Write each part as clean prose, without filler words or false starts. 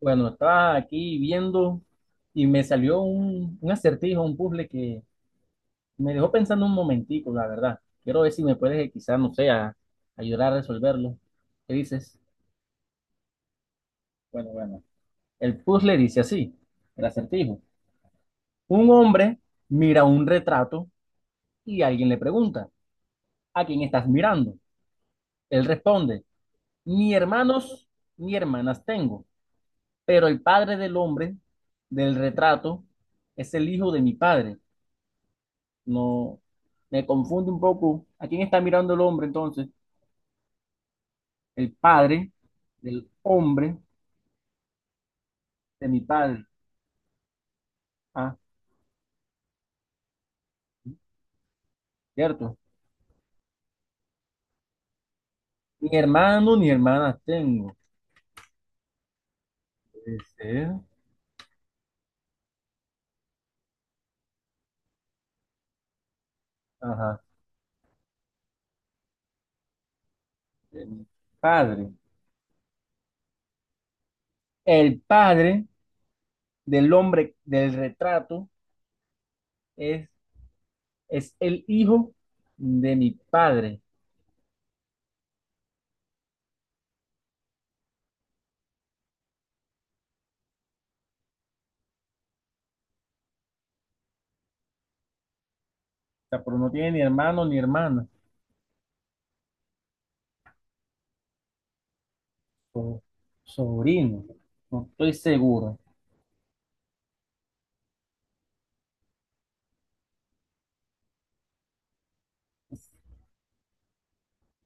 Bueno, estaba aquí viendo y me salió un acertijo, un puzzle que me dejó pensando un momentico, la verdad. Quiero ver si me puedes, quizás, no sé, ayudar a resolverlo. ¿Qué dices? Bueno. El puzzle dice así, el acertijo. Un hombre mira un retrato y alguien le pregunta, ¿a quién estás mirando? Él responde, ni hermanos ni hermanas tengo, pero el padre del hombre del retrato es el hijo de mi padre. No, me confunde un poco. ¿A quién está mirando el hombre entonces? El padre del hombre de mi padre. Ah, cierto. Ni hermano ni hermanas tengo. Puede ser. Ajá, de mi padre. El padre del hombre del retrato es, es el hijo de mi padre. O sea, pero no tiene ni hermano ni hermana. So- sobrino. No estoy seguro.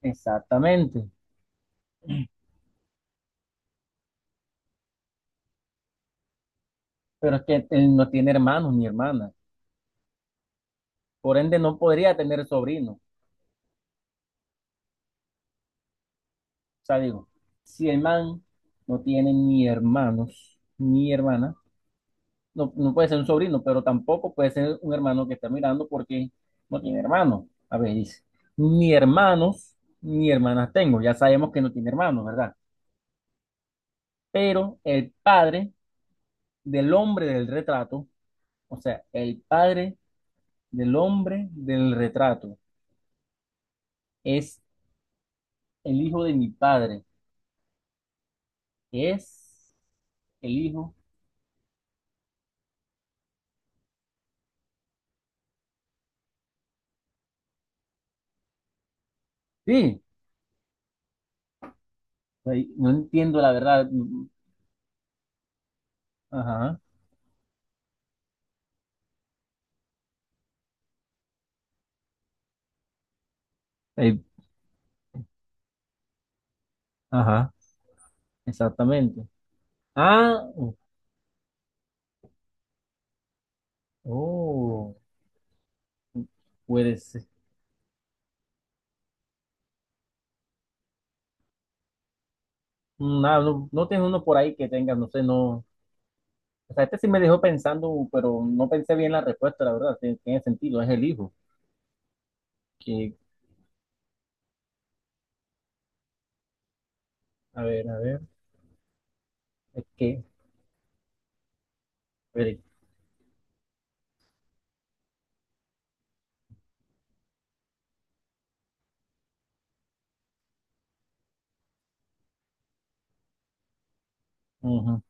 Exactamente. Pero es que él no tiene hermanos ni hermanas, por ende no podría tener sobrino. O sea, digo, si el man no tiene ni hermanos ni hermanas, no puede ser un sobrino, pero tampoco puede ser un hermano que está mirando porque no tiene hermanos. A ver, dice, ni hermanos ni hermanas tengo, ya sabemos que no tiene hermanos, ¿verdad? Pero el padre del hombre del retrato, o sea, el padre del hombre del retrato es el hijo de mi padre, es el hijo. Sí, ahí no entiendo la verdad. Ajá, ahí- ajá, exactamente. Ah, oh, oh, puede ser. No tienes uno por ahí que tenga, no sé, no. O sea, este sí me dejó pensando, pero no pensé bien la respuesta, la verdad. Tiene sentido, es el hijo. Que, a ver, es que, espere. Ujú,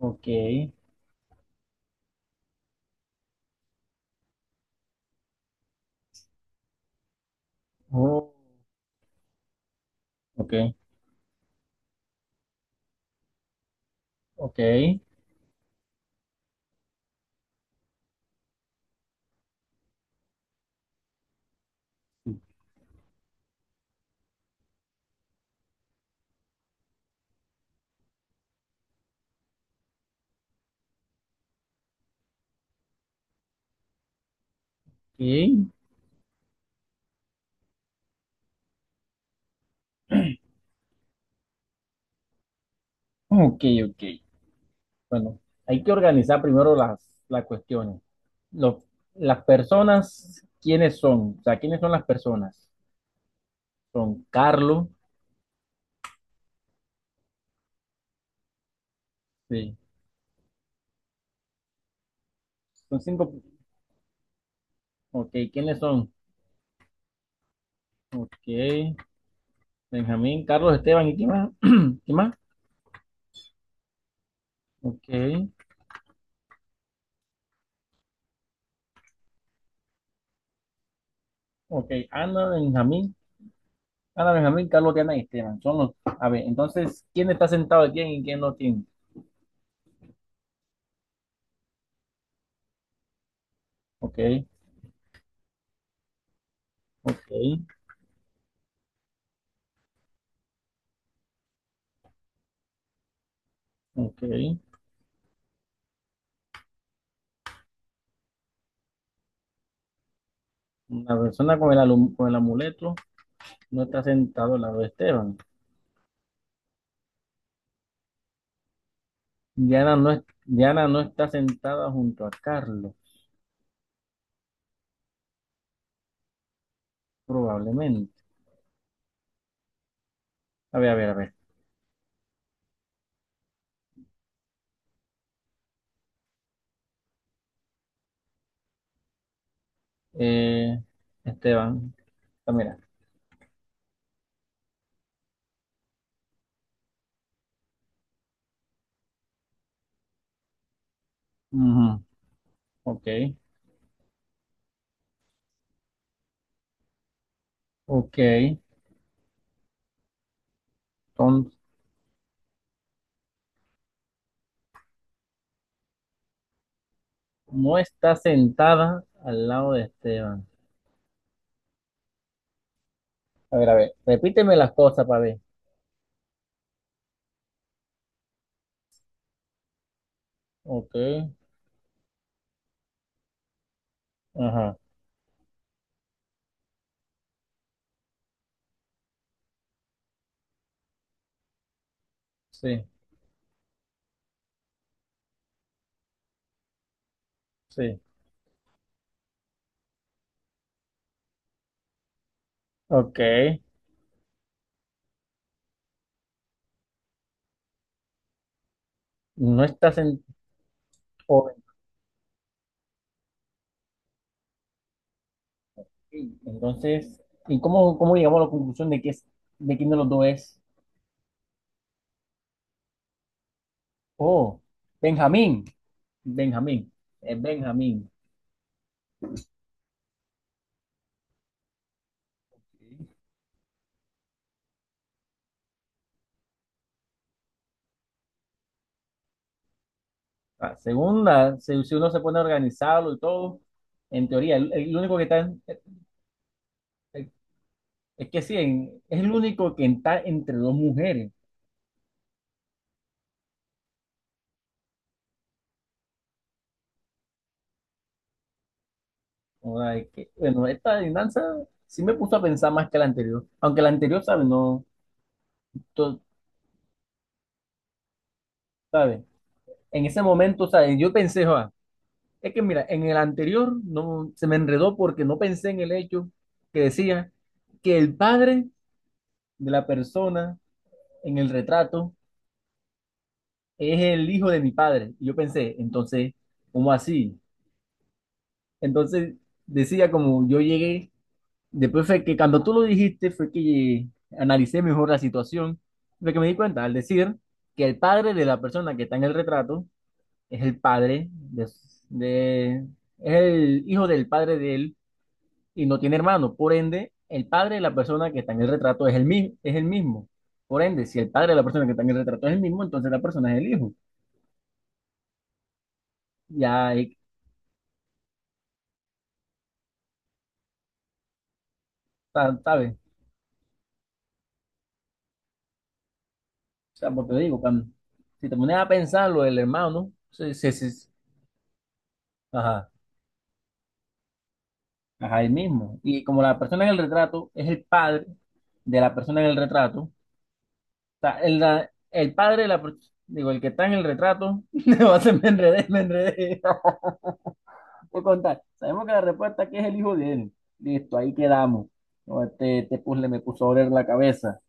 ok, oh, ok, ok, ok, ok, ok. Bueno, hay que organizar primero las cuestiones. Los- las personas, ¿quiénes son? O sea, ¿quiénes son las personas? Son Carlos, sí. Son cinco. Ok, ¿quiénes son? Ok, Benjamín, Carlos, Esteban, ¿y quién más? ¿Quién más? Ok, ok, Ana, Benjamín, Ana, Benjamín, Carlos, Diana y Esteban. Son los. A ver, entonces, ¿quién está sentado aquí y quién no tiene? Ok, ok, ok. La persona con el, con el amuleto no está sentado al lado de Esteban. Diana no, Diana no está sentada junto a Carlos, probablemente. A ver. Eh, Esteban, ah, mira. Ujú, ok, ok. Entonces, no está sentada al lado de Esteban. A ver. Repíteme las cosas para ver. Ok, ajá. Sí, sí. Ok. No está sentada. Entonces, ¿y cómo llegamos a la conclusión de que es, de quién de los dos es? Oh, Benjamín. Benjamín, es Benjamín. Sí. Ah, según la, si uno se pone a organizarlo y todo, en teoría, el único que está, eh, es que sí, es el único que está entre dos mujeres. O sea, es que, bueno, esta adivinanza sí me puso a pensar más que la anterior, aunque la anterior, ¿sabes? No, to- ¿sabes? En ese momento, ¿sabes? Yo pensé, "Joa, es que mira, en el anterior no, se me enredó porque no pensé en el hecho que decía que el padre de la persona en el retrato es el hijo de mi padre. Y yo pensé, entonces, ¿cómo así? Entonces decía como yo llegué, después fue que cuando tú lo dijiste fue que analicé mejor la situación, fue que me di cuenta al decir que el padre de la persona que está en el retrato es el padre de, de- es el hijo del padre de él y no tiene hermano. Por ende, el padre de la persona que está en el retrato es el, es el mismo. Por ende, si el padre de la persona que está en el retrato es el mismo, entonces la persona es el hijo. Ya, ahí está, ¿sabes? O sea, porque digo, si te pones a pensarlo, el hermano, sí, ajá, ajá, él mismo. Y como la persona en el retrato es el padre de la persona en el retrato, o sea, el, el padre de la, digo, el que está en el retrato, no, se me enredé, me enredé. Por contar, sabemos que la respuesta aquí es el hijo de él. Listo, ahí quedamos. No, este puzzle me puso a oler la cabeza.